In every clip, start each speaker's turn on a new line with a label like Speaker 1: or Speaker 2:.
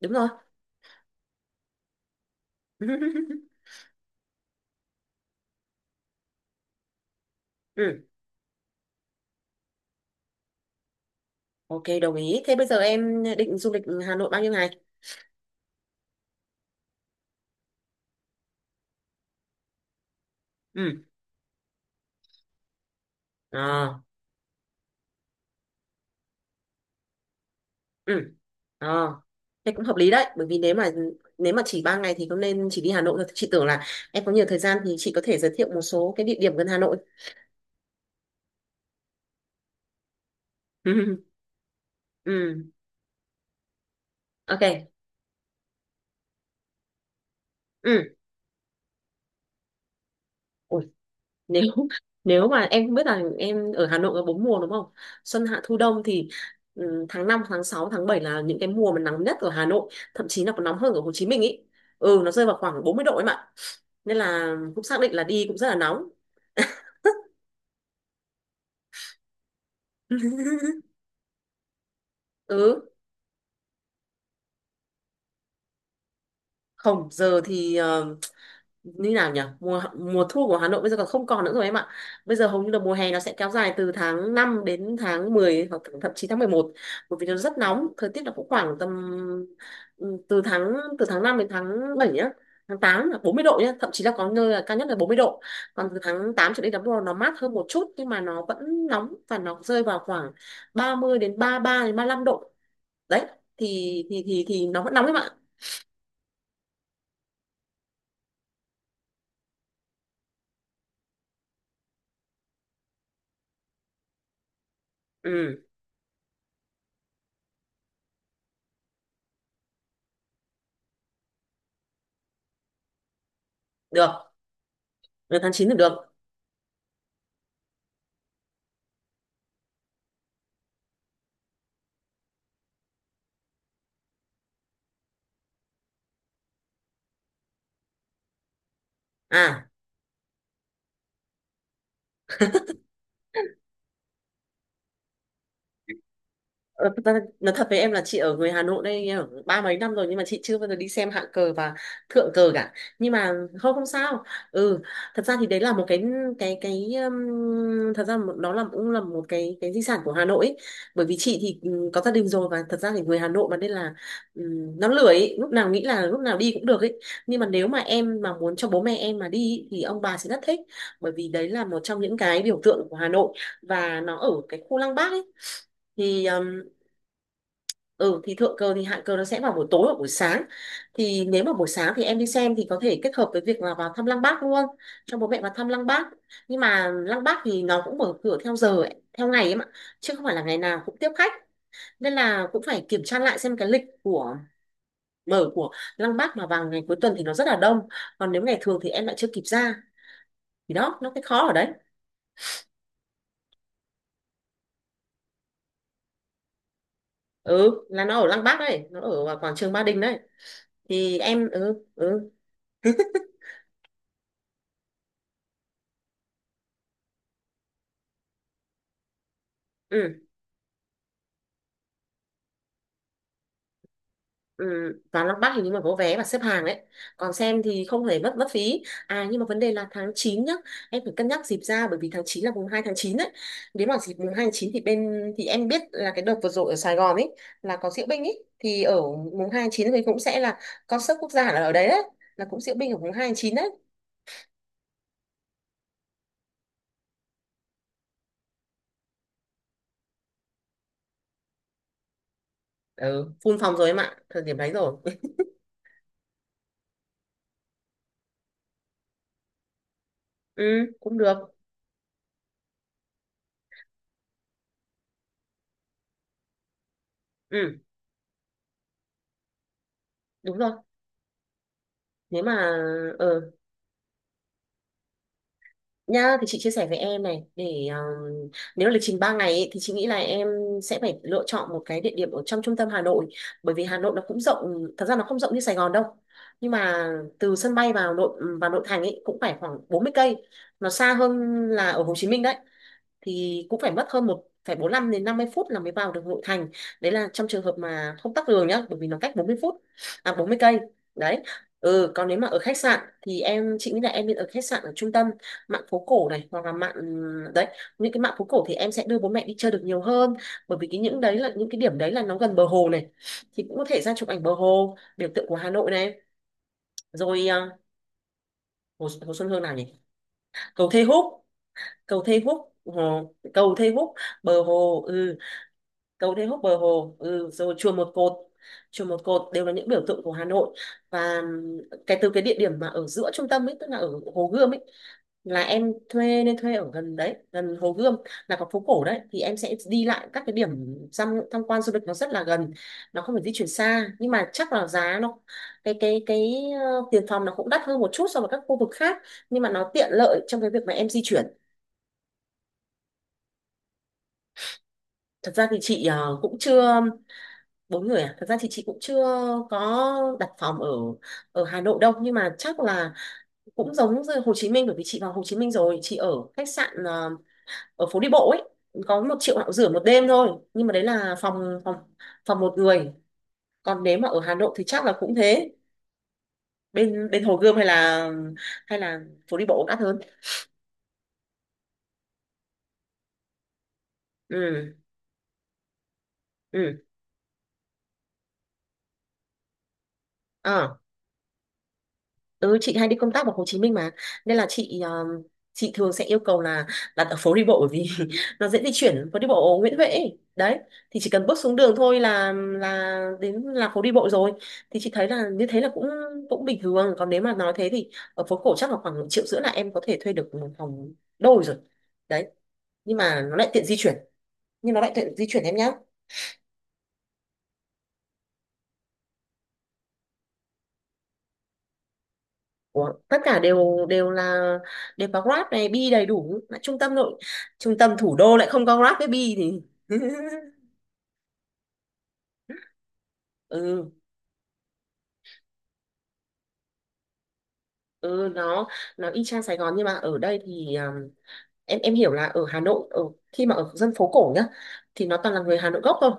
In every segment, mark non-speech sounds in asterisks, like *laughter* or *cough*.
Speaker 1: Đúng rồi. *laughs* ừ. Ok, đồng ý. Thế bây giờ em định du lịch Hà Nội bao nhiêu ngày? ừ à, ừ à. Thế cũng hợp lý đấy, bởi vì nếu mà chỉ 3 ngày thì không nên chỉ đi Hà Nội thôi. Chị tưởng là em có nhiều thời gian thì chị có thể giới thiệu một số cái địa điểm gần Hà Nội. *laughs* ừ ok. ừ Ủa, nếu nếu mà em không biết là em, ở Hà Nội có bốn mùa đúng không? Xuân hạ thu đông. Thì tháng 5 tháng 6 tháng 7 là những cái mùa mà nắng nhất ở Hà Nội, thậm chí là còn nóng hơn ở Hồ Chí Minh ý. Nó rơi vào khoảng bốn mươi độ em ạ, nên là cũng xác định là đi cũng rất là nóng. *laughs* ừ Không, giờ thì như nào nhỉ, mùa mùa thu của Hà Nội bây giờ còn không, còn nữa rồi em ạ. Bây giờ hầu như là mùa hè, nó sẽ kéo dài từ tháng 5 đến tháng 10 hoặc thậm chí tháng mười một, bởi vì nó rất nóng. Thời tiết nó cũng khoảng tầm ừ, từ tháng từ tháng 5 đến tháng 7 nhá. Tháng 8 là 40 độ nhá, thậm chí là có nơi là cao nhất là 40 độ. Còn từ tháng 8 trở đi là bắt đầu nó mát hơn một chút, nhưng mà nó vẫn nóng, và nó rơi vào khoảng 30 đến 33 đến 35 độ. Đấy, thì nó vẫn nóng em ạ. ừ Được, được, tháng 9 thì được. À. Ờ, thật ra nói thật với em là chị ở người Hà Nội đây, em ở ba mấy năm rồi, nhưng mà chị chưa bao giờ đi xem hạng cờ và thượng cờ cả. Nhưng mà không không sao. ừ Thật ra thì đấy là một cái cái thật ra đó là cũng là một cái di sản của Hà Nội ấy. Bởi vì chị thì có gia đình rồi, và thật ra thì người Hà Nội mà, nên là nó lười ấy. Lúc nào nghĩ là lúc nào đi cũng được ấy. Nhưng mà nếu mà em mà muốn cho bố mẹ em mà đi ý, thì ông bà sẽ rất thích, bởi vì đấy là một trong những cái biểu tượng của Hà Nội, và nó ở cái khu Lăng Bác ấy. Thì ừ, thì thượng cờ thì hạ cờ nó sẽ vào buổi tối hoặc buổi sáng. Thì nếu mà buổi sáng thì em đi xem thì có thể kết hợp với việc là vào thăm Lăng Bác luôn, cho bố mẹ vào thăm Lăng Bác. Nhưng mà Lăng Bác thì nó cũng mở cửa theo giờ ấy, theo ngày ấy mà, chứ không phải là ngày nào cũng tiếp khách. Nên là cũng phải kiểm tra lại xem cái lịch của mở của Lăng Bác. Mà vào ngày cuối tuần thì nó rất là đông, còn nếu ngày thường thì em lại chưa kịp ra, thì đó nó cái khó ở đấy. Ừ, là nó ở Lăng Bác đấy, nó ở quảng trường Ba Đình đấy. Thì em ừ Ừ, vào Lăng bắc hình như mà có vé và xếp hàng đấy, còn xem thì không thể mất mất phí. À nhưng mà vấn đề là tháng 9 nhá, em phải cân nhắc dịp ra, bởi vì tháng 9 là mùng 2 tháng 9 đấy. Nếu mà dịp mùng 2 tháng 9 thì bên, thì em biết là cái đợt vừa rồi ở Sài Gòn ấy là có diễu binh ấy, thì ở mùng 2 tháng 9 thì cũng sẽ là concert quốc gia là ở đấy đấy, là cũng diễu binh ở mùng hai tháng 9 đấy. Ừ, Full phòng rồi em ạ, thời điểm đấy rồi. *laughs* ừ Cũng được. ừ Đúng rồi. Nếu mà ờ Nhá, thì chị chia sẻ với em này để nếu lịch trình 3 ngày ấy, thì chị nghĩ là em sẽ phải lựa chọn một cái địa điểm ở trong trung tâm Hà Nội, bởi vì Hà Nội nó cũng rộng, thật ra nó không rộng như Sài Gòn đâu, nhưng mà từ sân bay vào nội thành ấy cũng phải khoảng 40 cây, nó xa hơn là ở Hồ Chí Minh đấy. Thì cũng phải mất hơn một phải 45 đến 50 phút là mới vào được nội thành. Đấy là trong trường hợp mà không tắc đường nhá, bởi vì nó cách 40 phút, à 40 cây. Đấy. Ừ, còn nếu mà ở khách sạn thì em, chị nghĩ là em nên ở khách sạn ở trung tâm, mạn phố cổ này, hoặc là mạn, đấy, những cái mạn phố cổ thì em sẽ đưa bố mẹ đi chơi được nhiều hơn, bởi vì cái những đấy là những cái điểm đấy là nó gần bờ hồ này, thì cũng có thể ra chụp ảnh bờ hồ, biểu tượng của Hà Nội này. Rồi à, hồ Xuân Hương nào nhỉ, cầu Thê Húc, cầu Thê Húc, cầu Thê Húc, bờ hồ, ừ, cầu Thế Húc, bờ hồ, ừ, rồi chùa Một Cột. Chùa Một Cột đều là những biểu tượng của Hà Nội. Và cái từ cái địa điểm mà ở giữa trung tâm ấy, tức là ở Hồ Gươm ấy, là em thuê nên thuê ở gần đấy, gần Hồ Gươm, là có phố cổ đấy, thì em sẽ đi lại các cái điểm tham tham quan du lịch nó rất là gần, nó không phải di chuyển xa. Nhưng mà chắc là giá nó, cái tiền phòng nó cũng đắt hơn một chút so với các khu vực khác, nhưng mà nó tiện lợi trong cái việc mà em di chuyển. Thật ra thì chị cũng chưa, bốn người à? Thật ra thì chị cũng chưa có đặt phòng ở ở Hà Nội đâu, nhưng mà chắc là cũng giống như Hồ Chí Minh, bởi vì chị vào Hồ Chí Minh rồi, chị ở khách sạn ở phố đi bộ ấy, có một triệu rưỡi rưỡi một đêm thôi, nhưng mà đấy là phòng phòng phòng một người. Còn nếu mà ở Hà Nội thì chắc là cũng thế. Bên bên Hồ Gươm hay là, hay là phố đi bộ cũng đắt hơn. ừ ừ Ờ. Ừ, chị hay đi công tác vào Hồ Chí Minh mà, nên là chị chị thường sẽ yêu cầu là đặt ở phố đi bộ, bởi vì *laughs* nó dễ di chuyển, phố đi bộ Nguyễn Huệ ấy. Đấy, thì chỉ cần bước xuống đường thôi là đến là phố đi bộ rồi. Thì chị thấy là như thế là cũng cũng bình thường. Còn nếu mà nói thế thì ở phố cổ chắc là khoảng một triệu rưỡi là em có thể thuê được một phòng đôi rồi. Đấy. Nhưng mà nó lại tiện di chuyển, nhưng nó lại tiện di chuyển em nhá. Ủa, tất cả đều đều là đều có Grab này, Bi đầy đủ. Lại trung tâm trung tâm thủ đô lại không có Grab với Bi thì. *laughs* ừ ừ nó nó y chang Sài Gòn, nhưng mà ở đây thì em hiểu là ở Hà Nội, ở khi mà ở dân phố cổ nhá, thì nó toàn là người Hà Nội gốc thôi,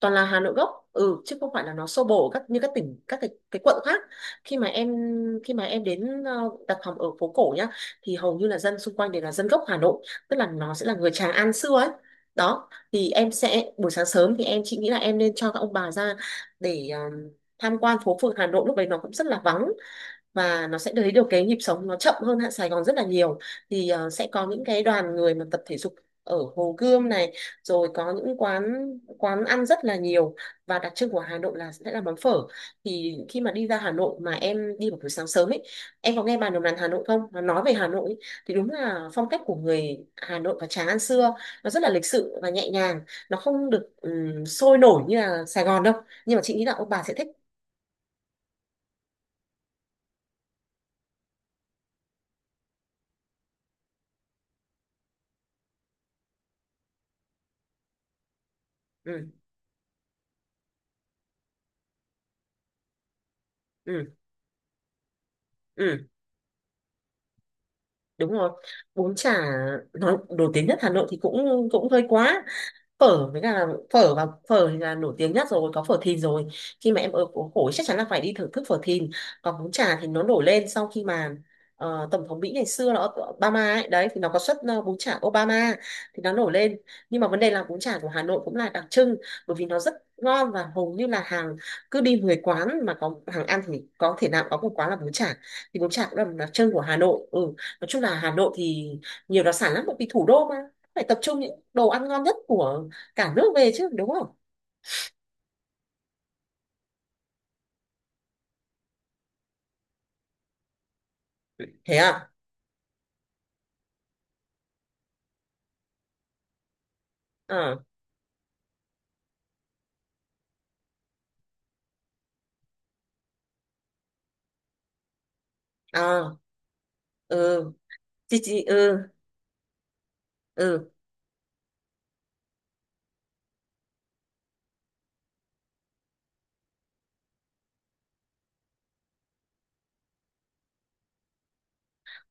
Speaker 1: toàn là Hà Nội gốc. Ừ, chứ không phải là nó xô bồ các như các tỉnh, các cái quận khác. khi mà em Khi mà em đến đặt phòng ở phố cổ nhá, thì hầu như là dân xung quanh đều là dân gốc Hà Nội, tức là nó sẽ là người Tràng An xưa ấy. Đó thì em sẽ buổi sáng sớm thì em, chị nghĩ là em nên cho các ông bà ra để tham quan phố phường Hà Nội. Lúc đấy nó cũng rất là vắng, và nó sẽ thấy được cái nhịp sống nó chậm hơn hạ Sài Gòn rất là nhiều. Thì sẽ có những cái đoàn người mà tập thể dục ở Hồ Gươm này, rồi có những quán, quán ăn rất là nhiều. Và đặc trưng của Hà Nội là sẽ là món phở. Thì khi mà đi ra Hà Nội mà em đi vào buổi sáng sớm ấy, em có nghe bà đồng đàn Hà Nội không, nó nói về Hà Nội ấy, thì đúng là phong cách của người Hà Nội và Tràng An xưa, nó rất là lịch sự và nhẹ nhàng, nó không được sôi nổi như là Sài Gòn đâu. Nhưng mà chị nghĩ là ông bà sẽ thích. ừ, ừ, ừ, Đúng rồi. Bún chả, nói nổi tiếng nhất Hà Nội thì cũng cũng hơi quá. Phở với cả phở, và phở thì là nổi tiếng nhất rồi, có phở Thìn rồi. Khi mà em ở phố cổ chắc chắn là phải đi thưởng thức phở Thìn. Còn bún chả thì nó nổi lên sau khi mà tổng thống Mỹ ngày xưa là Obama ấy đấy, thì nó có xuất bún chả Obama thì nó nổi lên. Nhưng mà vấn đề là bún chả của Hà Nội cũng là đặc trưng, bởi vì nó rất ngon và hầu như là hàng, cứ đi 10 quán mà có hàng ăn thì có thể nào có một quán là bún chả. Thì bún chả cũng là một đặc trưng của Hà Nội, ừ. Nói chung là Hà Nội thì nhiều đặc sản lắm, bởi vì thủ đô mà, phải tập trung những đồ ăn ngon nhất của cả nước về chứ, đúng không? Thế à? Ờ, à, ừ. Chị ừ, ừ.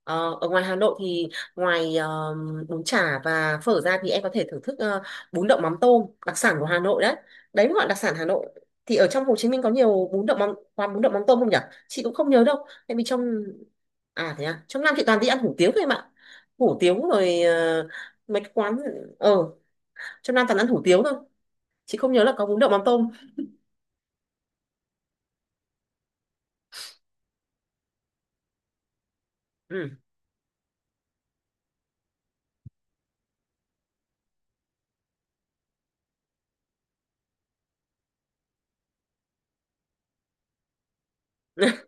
Speaker 1: Ờ, Ở ngoài Hà Nội thì ngoài bún chả và phở ra thì em có thể thưởng thức bún đậu mắm tôm, đặc sản của Hà Nội đấy. Đấy mới gọi là đặc sản Hà Nội. Thì ở trong Hồ Chí Minh có nhiều bún đậu mắm, quán bún đậu mắm tôm không nhỉ? Chị cũng không nhớ đâu tại vì trong... À, thế à? Trong Nam chị toàn đi ăn hủ tiếu thôi em ạ. Hủ tiếu rồi, mấy cái quán ở trong Nam toàn ăn hủ tiếu thôi. Chị không nhớ là có bún đậu mắm tôm. Ừ. *laughs*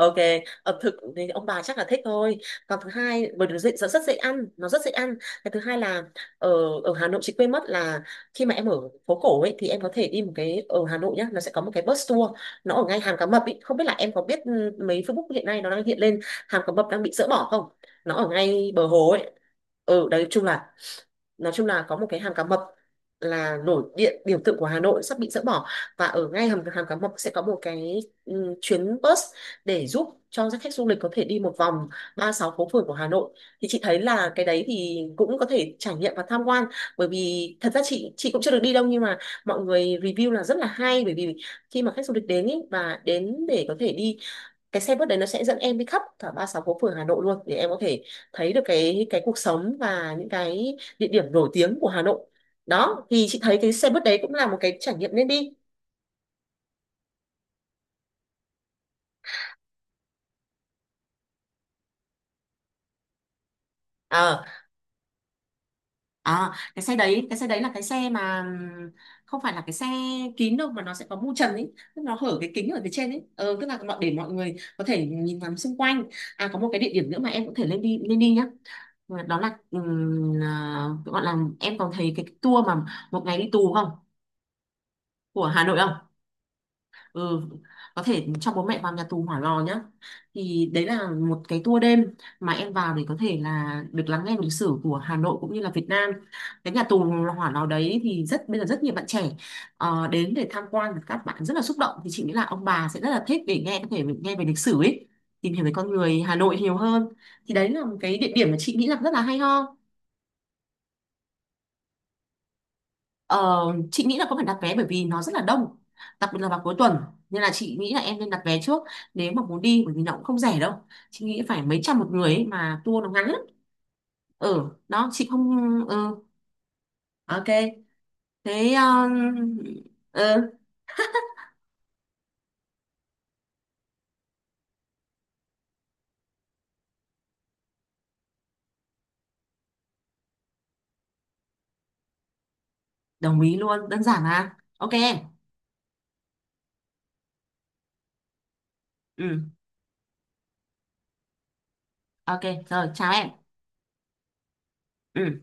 Speaker 1: Ok, ẩm thực thì ông bà chắc là thích thôi. Còn thứ hai, bởi vì nó dễ, nó rất dễ ăn, nó rất dễ ăn. Cái thứ hai là ở, ở Hà Nội chị quên mất là khi mà em ở phố cổ ấy thì em có thể đi một cái, ở Hà Nội nhá, nó sẽ có một cái bus tour, nó ở ngay Hàm Cá Mập ấy. Không biết là em có biết ừ, mấy Facebook hiện nay nó đang hiện lên Hàm Cá Mập đang bị dỡ bỏ không? Nó ở ngay bờ hồ ấy. Ừ, đấy chung là nói chung là có một cái hàm cá mập là nổi điện biểu tượng của Hà Nội sắp bị dỡ bỏ, và ở ngay hầm hàm cá mập sẽ có một cái chuyến bus để giúp cho các khách du lịch có thể đi một vòng 36 phố phường của Hà Nội. Thì chị thấy là cái đấy thì cũng có thể trải nghiệm và tham quan, bởi vì thật ra chị cũng chưa được đi đâu, nhưng mà mọi người review là rất là hay, bởi vì khi mà khách du lịch đến ý, và đến để có thể đi cái xe buýt đấy, nó sẽ dẫn em đi khắp cả 36 phố phường Hà Nội luôn để em có thể thấy được cái cuộc sống và những cái địa điểm nổi tiếng của Hà Nội. Đó thì chị thấy cái xe buýt đấy cũng là một cái trải nghiệm nên đi. Ờ, à, cái xe đấy, cái xe đấy là cái xe mà không phải là cái xe kín đâu, mà nó sẽ có mu trần ấy, tức nó hở cái kính ở phía trên ấy, tức là mọi, để mọi người có thể nhìn ngắm xung quanh. À, có một cái địa điểm nữa mà em có thể lên đi, lên đi nhá. Và đó là gọi là em còn thấy cái tour mà một ngày đi tù không của Hà Nội không? Ừ, có thể cho bố mẹ vào nhà tù Hỏa Lò nhá. Thì đấy là một cái tour đêm mà em vào để có thể là được lắng nghe lịch sử của Hà Nội cũng như là Việt Nam. Cái nhà tù Hỏa Lò đấy thì rất, bây giờ rất nhiều bạn trẻ đến để tham quan, các bạn rất là xúc động, thì chị nghĩ là ông bà sẽ rất là thích để nghe, có thể nghe về lịch sử ấy, tìm hiểu về con người Hà Nội nhiều hơn. Thì đấy là một cái địa điểm mà chị nghĩ là rất là hay ho. Ờ, chị nghĩ là có phải đặt vé, bởi vì nó rất là đông, đặc biệt là vào cuối tuần, nên là chị nghĩ là em nên đặt vé trước nếu mà muốn đi, bởi vì nó cũng không rẻ đâu, chị nghĩ phải mấy trăm một người ấy, mà tour nó ngắn lắm. Ừ, đó chị không. Ừ, ok. Thế ờ, ừ, đồng ý luôn, đơn giản mà, ok em. Ừ, ok, rồi chào em. Ừ.